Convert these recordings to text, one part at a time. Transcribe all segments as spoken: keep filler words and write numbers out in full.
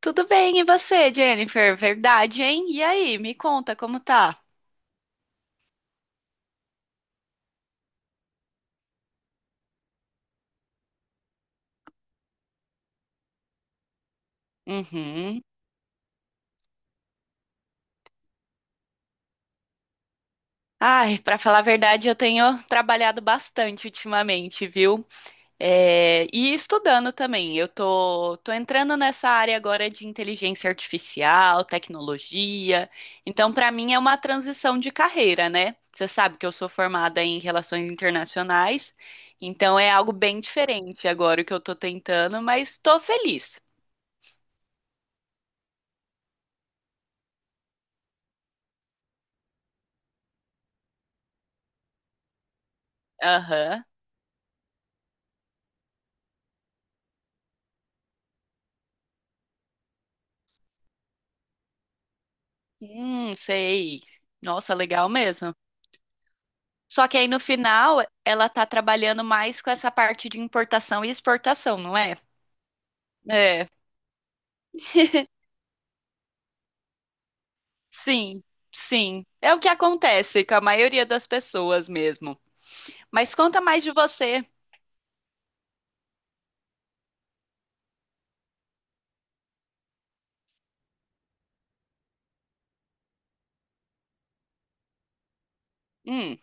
Tudo bem, e você, Jennifer? Verdade, hein? E aí, me conta como tá? Uhum. Ai, pra falar a verdade, eu tenho trabalhado bastante ultimamente, viu? É, e estudando também. Eu tô, tô entrando nessa área agora de inteligência artificial, tecnologia. Então, pra mim é uma transição de carreira, né? Você sabe que eu sou formada em relações internacionais, então é algo bem diferente agora o que eu tô tentando, mas tô feliz. Aham. Hum, sei. Nossa, legal mesmo. Só que aí no final ela tá trabalhando mais com essa parte de importação e exportação, não é? É, sim, sim. É o que acontece com a maioria das pessoas mesmo. Mas conta mais de você. Hum,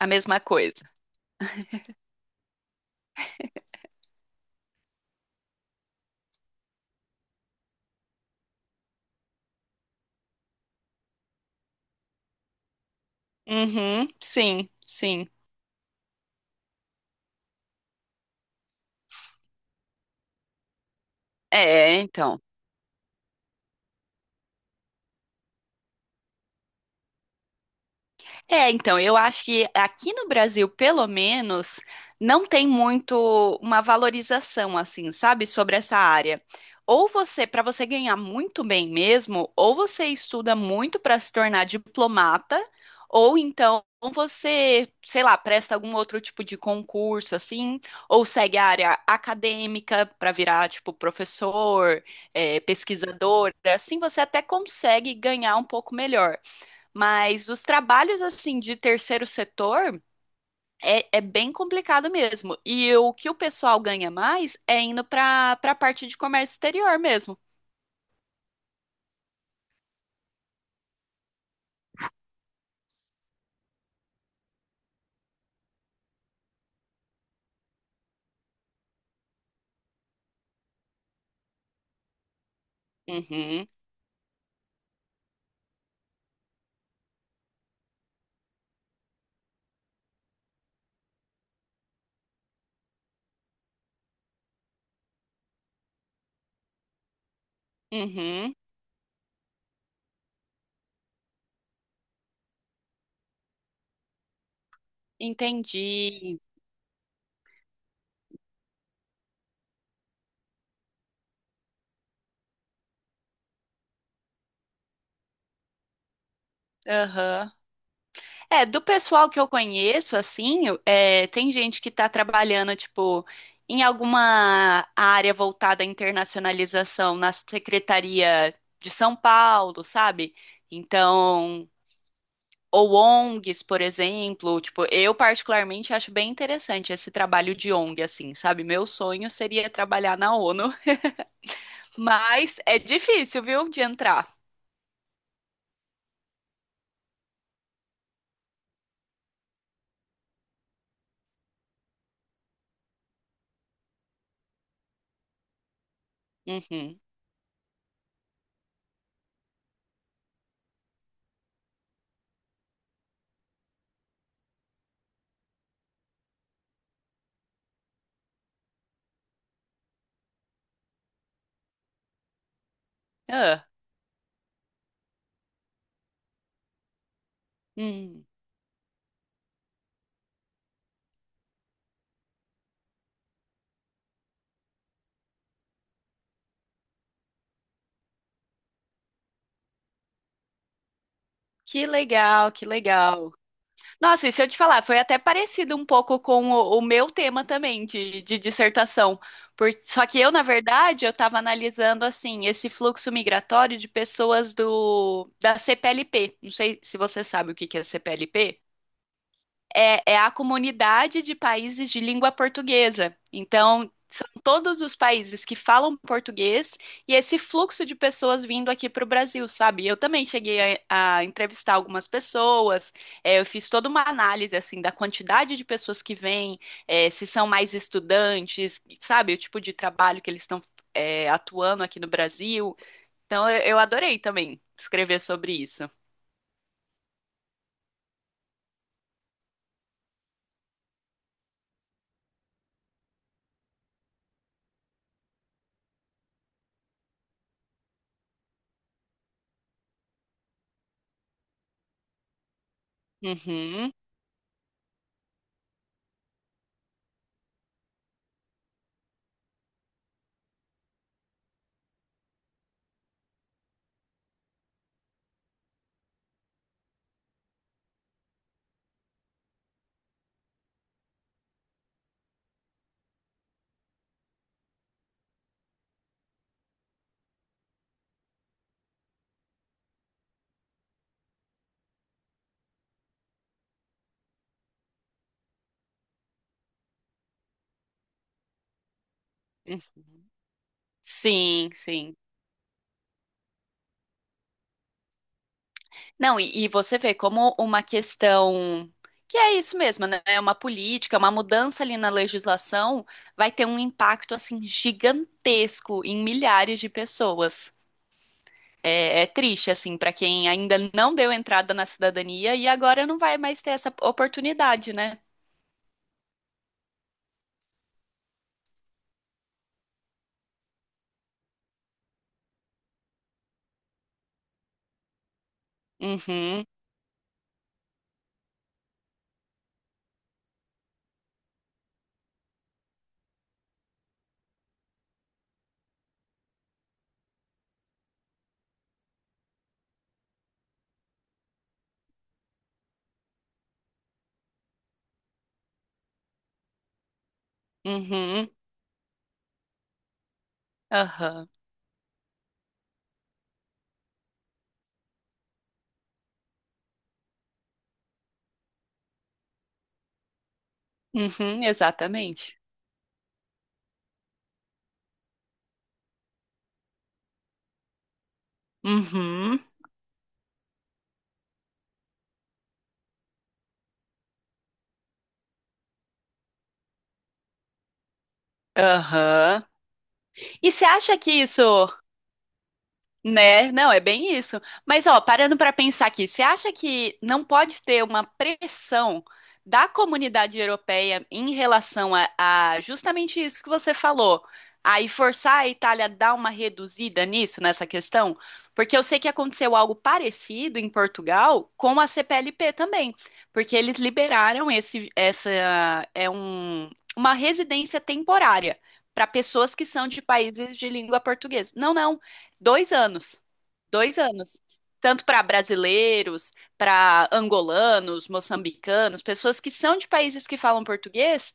a mesma coisa. Uhum, sim, sim. É, então. É, então, eu acho que aqui no Brasil, pelo menos, não tem muito uma valorização assim, sabe, sobre essa área. Ou você, para você ganhar muito bem mesmo, ou você estuda muito para se tornar diplomata, ou então você, sei lá, presta algum outro tipo de concurso assim, ou segue a área acadêmica para virar tipo professor, eh, pesquisador, assim você até consegue ganhar um pouco melhor. Mas os trabalhos assim de terceiro setor é, é bem complicado mesmo. E o que o pessoal ganha mais é indo para para a parte de comércio exterior mesmo. Uhum, uhum, entendi. Aham. É, do pessoal que eu conheço, assim, eu- é, tem gente que tá trabalhando, tipo, em alguma área voltada à internacionalização na Secretaria de São Paulo, sabe? Então, ou O N Gs, por exemplo, tipo, eu particularmente acho bem interessante esse trabalho de O N G, assim, sabe? Meu sonho seria trabalhar na ONU, mas é difícil, viu, de entrar. Uhum. Ah, hum. Que legal, que legal. Nossa, e se eu te falar, foi até parecido um pouco com o, o meu tema também de, de dissertação. Por, só que eu, na verdade, eu estava analisando assim esse fluxo migratório de pessoas do da C P L P. Não sei se você sabe o que que é C P L P. É, é a comunidade de países de língua portuguesa. Então, são todos os países que falam português e esse fluxo de pessoas vindo aqui para o Brasil, sabe? Eu também cheguei a, a entrevistar algumas pessoas, é, eu fiz toda uma análise, assim, da quantidade de pessoas que vêm, é, se são mais estudantes, sabe? O tipo de trabalho que eles estão, é, atuando aqui no Brasil. Então, eu, eu adorei também escrever sobre isso. Uhum, uhum. Sim, sim. Não, e, e você vê como uma questão que é isso mesmo, né? É uma política, uma mudança ali na legislação vai ter um impacto assim gigantesco em milhares de pessoas. É, é triste assim para quem ainda não deu entrada na cidadania e agora não vai mais ter essa oportunidade, né? Uhum, uhum, aham, uhum, exatamente. Uhum, aham. E você acha que isso né? Não, é bem isso. Mas, ó, parando para pensar aqui, você acha que não pode ter uma pressão da comunidade europeia em relação a, a justamente isso que você falou, aí forçar a Itália a dar uma reduzida nisso, nessa questão? Porque eu sei que aconteceu algo parecido em Portugal com a C P L P também, porque eles liberaram esse, essa, é um, uma residência temporária para pessoas que são de países de língua portuguesa. Não, não. Dois anos. Dois anos. Tanto para brasileiros, para angolanos, moçambicanos, pessoas que são de países que falam português,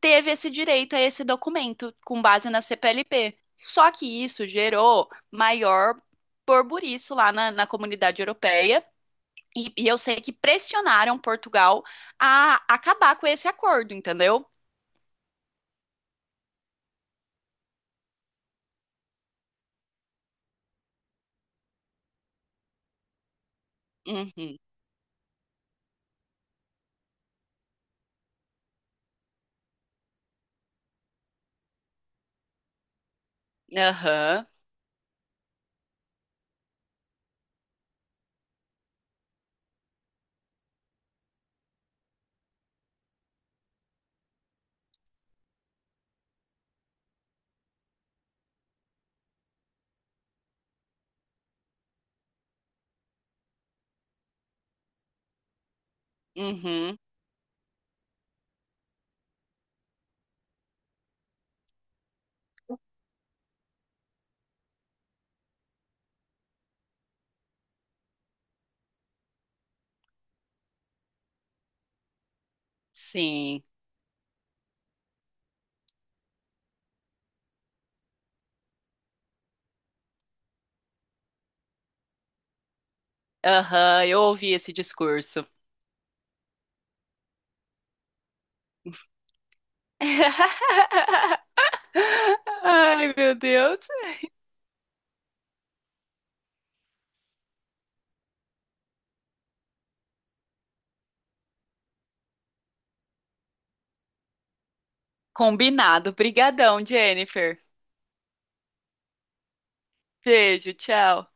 teve esse direito a esse documento com base na C P L P. Só que isso gerou maior burbuliço lá na, na comunidade europeia. E, e eu sei que pressionaram Portugal a acabar com esse acordo, entendeu? Uhum. Aham. Uhum. Sim. Aham. Eu ouvi esse discurso. Ai, meu Deus. Combinado. Brigadão, Jennifer. Beijo, tchau.